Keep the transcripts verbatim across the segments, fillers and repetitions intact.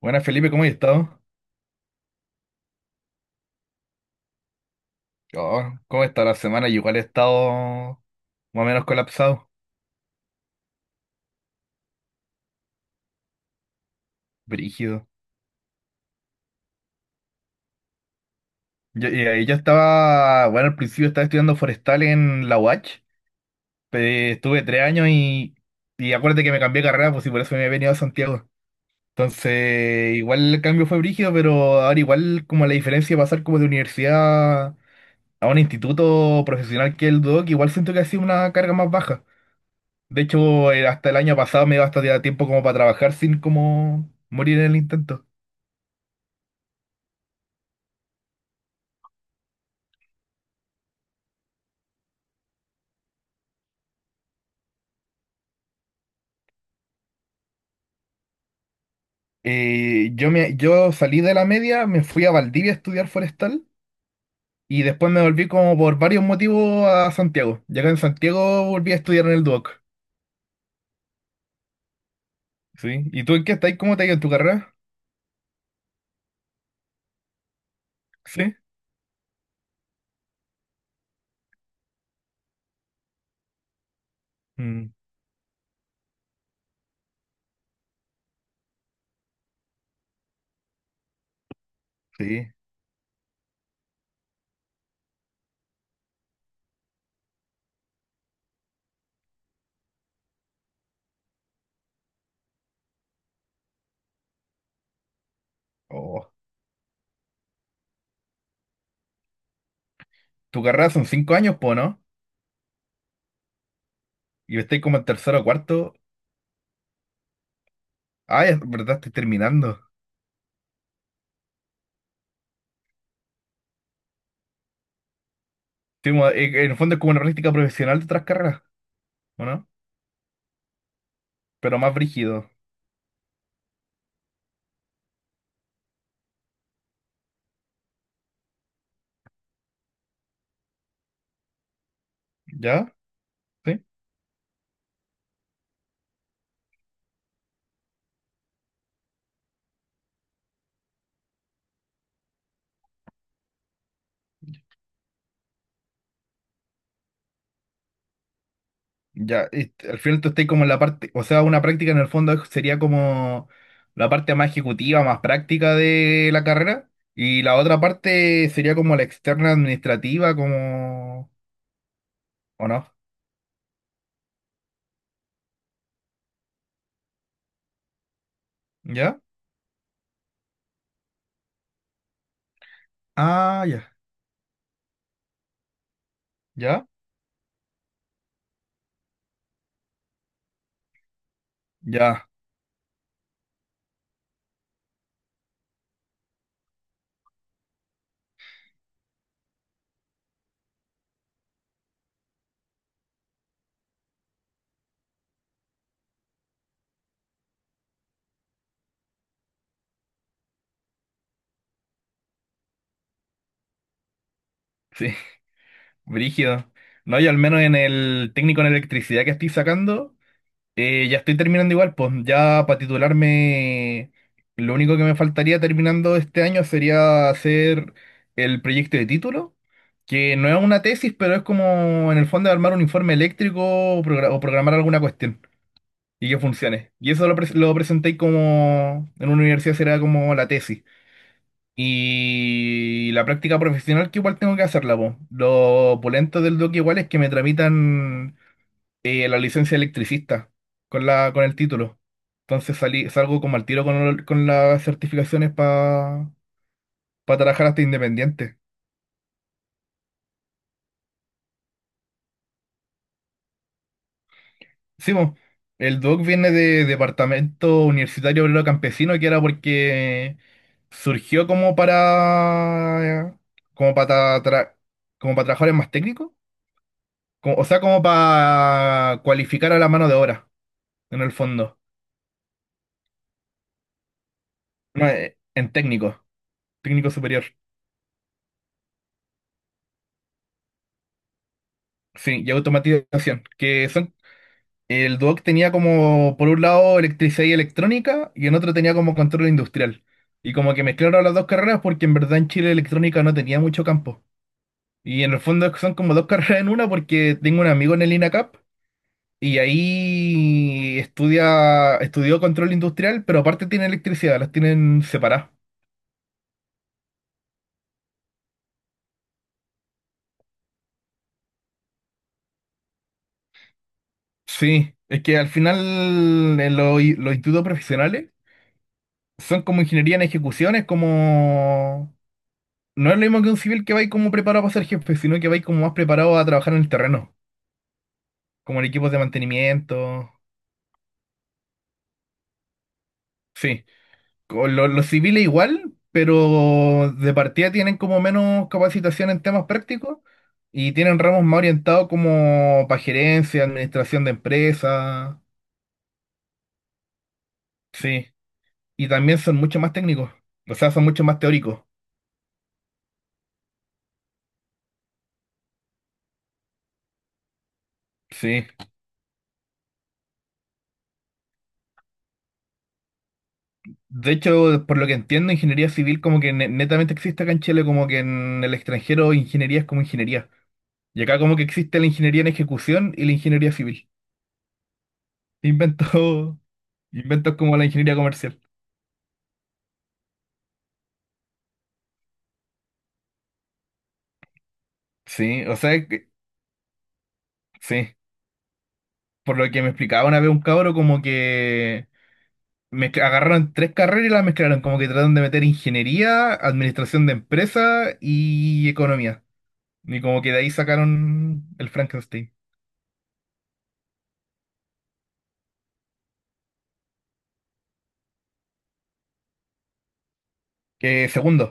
Buenas Felipe, ¿cómo has estado? Oh, ¿cómo está la semana? Yo igual he estado más o menos colapsado, brígido. Yo, y ahí yo estaba, bueno, al principio estaba estudiando forestal en la UACH. Pe- estuve tres años y, y acuérdate que me cambié de carrera, pues, y por eso me he venido a Santiago. Entonces, igual el cambio fue brígido, pero ahora igual como la diferencia de pasar como de universidad a un instituto profesional que el DOC, igual siento que ha sido una carga más baja. De hecho, eh, hasta el año pasado me iba hasta a tiempo como para trabajar sin como morir en el intento. Eh, yo, me, yo salí de la media, me fui a Valdivia a estudiar forestal y después me volví como por varios motivos a Santiago. Y acá en Santiago volví a estudiar en el Duoc. ¿Sí? ¿Y tú en qué estás? ¿Cómo te ha ido en tu carrera? ¿Sí? Mm, sí. Oh. Tu carrera son cinco años, po, ¿no? Y estoy como en tercero o cuarto. Ah, es verdad, estoy terminando. Sí, mo- en en el fondo es como una práctica profesional de otras carreras, ¿o no? Pero más brígido. ¿Ya? ¿Sí? Ya, y t- al final tú estás como en la parte, o sea, una práctica en el fondo es- sería como la parte más ejecutiva, más práctica de la carrera, y la otra parte sería como la externa administrativa, como, ¿o no? ¿Ya? Ah, ya, ya, ya, sí, brígido. No, yo al menos en el técnico en electricidad que estoy sacando. Eh, ya estoy terminando igual, pues ya para titularme, lo único que me faltaría terminando este año sería hacer el proyecto de título, que no es una tesis, pero es como en el fondo armar un informe eléctrico o, progra- o programar alguna cuestión y que funcione. Y eso lo, pres- lo presenté como en una universidad será como la tesis. Y la práctica profesional que igual tengo que hacerla, pues. Lo opulento del doc igual es que me tramitan eh, la licencia de electricista con la, con el título. Entonces salí, salgo como al tiro con, el- con las certificaciones para trabajar hasta independiente. Sí, mo, el DOC viene de Departamento Universitario Obrero Campesino, que era porque surgió como para como para tra- como para trabajadores más técnicos, como- o sea, como para cualificar a la mano de obra, en el fondo. No, eh, en técnico, técnico superior. Sí, y automatización, que son. El Duoc tenía como, por un lado, electricidad y electrónica, y en otro tenía como control industrial. Y como que mezclaron las dos carreras porque en verdad en Chile electrónica no tenía mucho campo. Y en el fondo es que son como dos carreras en una porque tengo un amigo en el INACAP y ahí estudia, estudió control industrial, pero aparte tiene electricidad, las tienen separadas. Sí, es que al final en los, los institutos profesionales son como ingeniería en ejecuciones, como. No es lo mismo que un civil que va ahí como preparado para ser jefe, sino que va ahí como más preparado a trabajar en el terreno, como en equipos de mantenimiento. Sí, con lo- los civiles igual, pero de partida tienen como menos capacitación en temas prácticos y tienen ramos más orientados como para gerencia, administración de empresas. Sí, y también son mucho más técnicos, o sea, son mucho más teóricos. Sí. De hecho, por lo que entiendo, ingeniería civil como que ne- netamente existe acá en Chile, como que en el extranjero ingeniería es como ingeniería. Y acá como que existe la ingeniería en ejecución y la ingeniería civil. Invento, inventos como la ingeniería comercial. Sí, o sea, que- sí. Por lo que me explicaba una vez un cabro, como que mezcla- agarraron tres carreras y las mezclaron, como que trataron de meter ingeniería, administración de empresa y economía. Y como que de ahí sacaron el Frankenstein. Que segundo,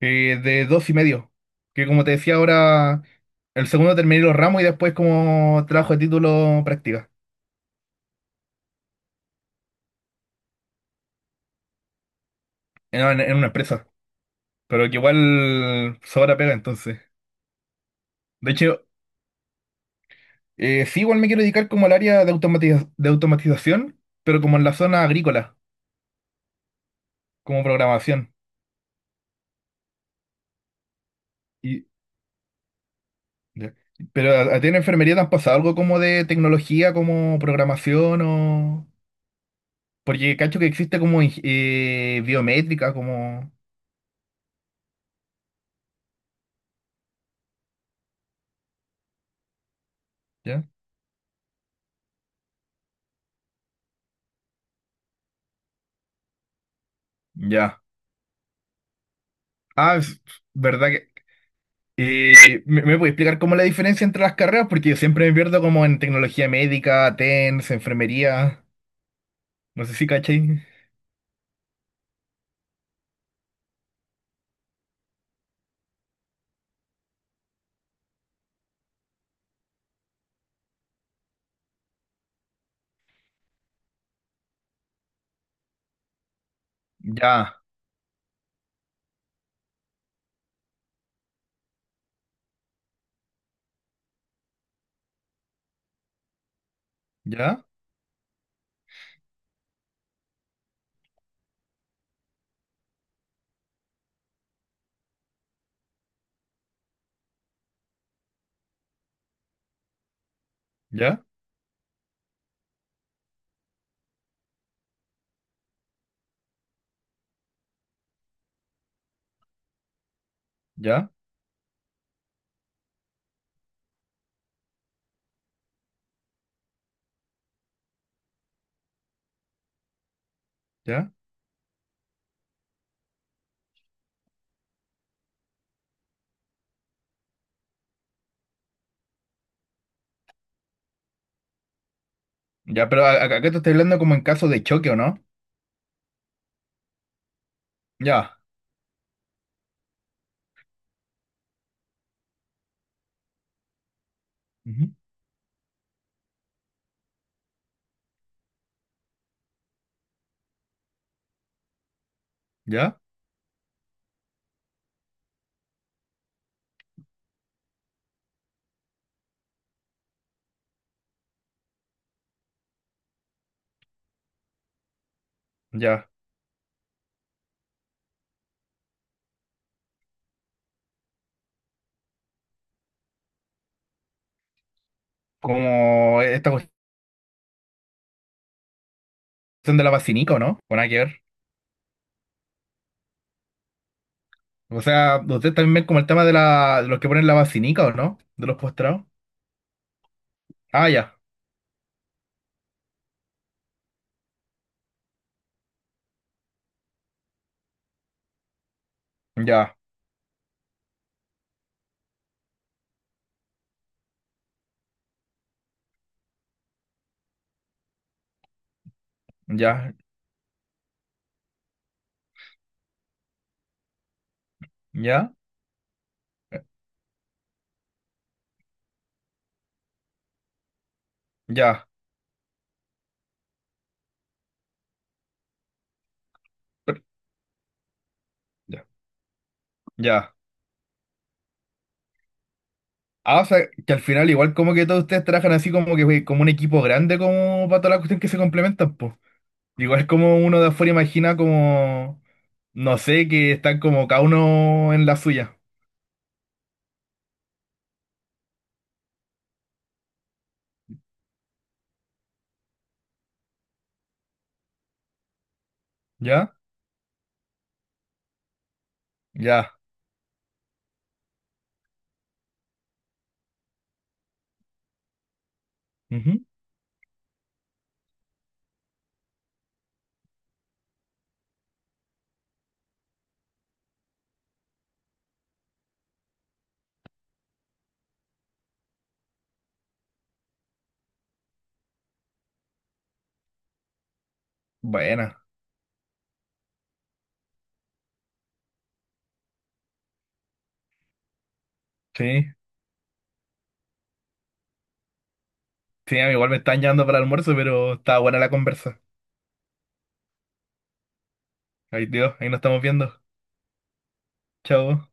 que de dos y medio. Que como te decía ahora, el segundo terminé los ramos y después como trabajo de título práctica. No, en, en una empresa, pero que igual sobra pega entonces. De hecho, eh, sí, igual me quiero dedicar como al área de automatiza- de automatización, pero como en la zona agrícola, como programación. Y, ya. Pero a, a ti en enfermería te han pasado algo como de tecnología, como programación o... Porque cacho que existe como ing- eh, biométrica, como... ¿Ya? Ya. Ah, es verdad. Y me, me puede explicar cómo la diferencia entre las carreras, porque yo siempre me pierdo como en tecnología médica, TENS, enfermería, no sé si cachai. Ya, ya, ya, ya, ya, ya, pero a- a- acá te estoy hablando como en caso de choque, ¿o no? Ya, ujú, ya, ya. Como esta cuestión de la vacinica, ¿o no? Con ayer. O sea, ustedes también ven como el tema de, la, de los que ponen la vacinica, ¿o no? De los postrados. Ah, ya, ya, ya, ya, ya, per- ya, ya. Ah, o sea, que al final igual como que todos ustedes trabajan así como que como un equipo grande como para toda la cuestión que se complementan, pues. Igual como uno de afuera imagina como, no sé, que están como cada uno en la suya. ¿Ya? Ya. Ujú. Buena. Sí. Sí, a mí igual me están llamando para el almuerzo, pero está buena la conversa. Ahí, Dios, ahí nos estamos viendo. Chao.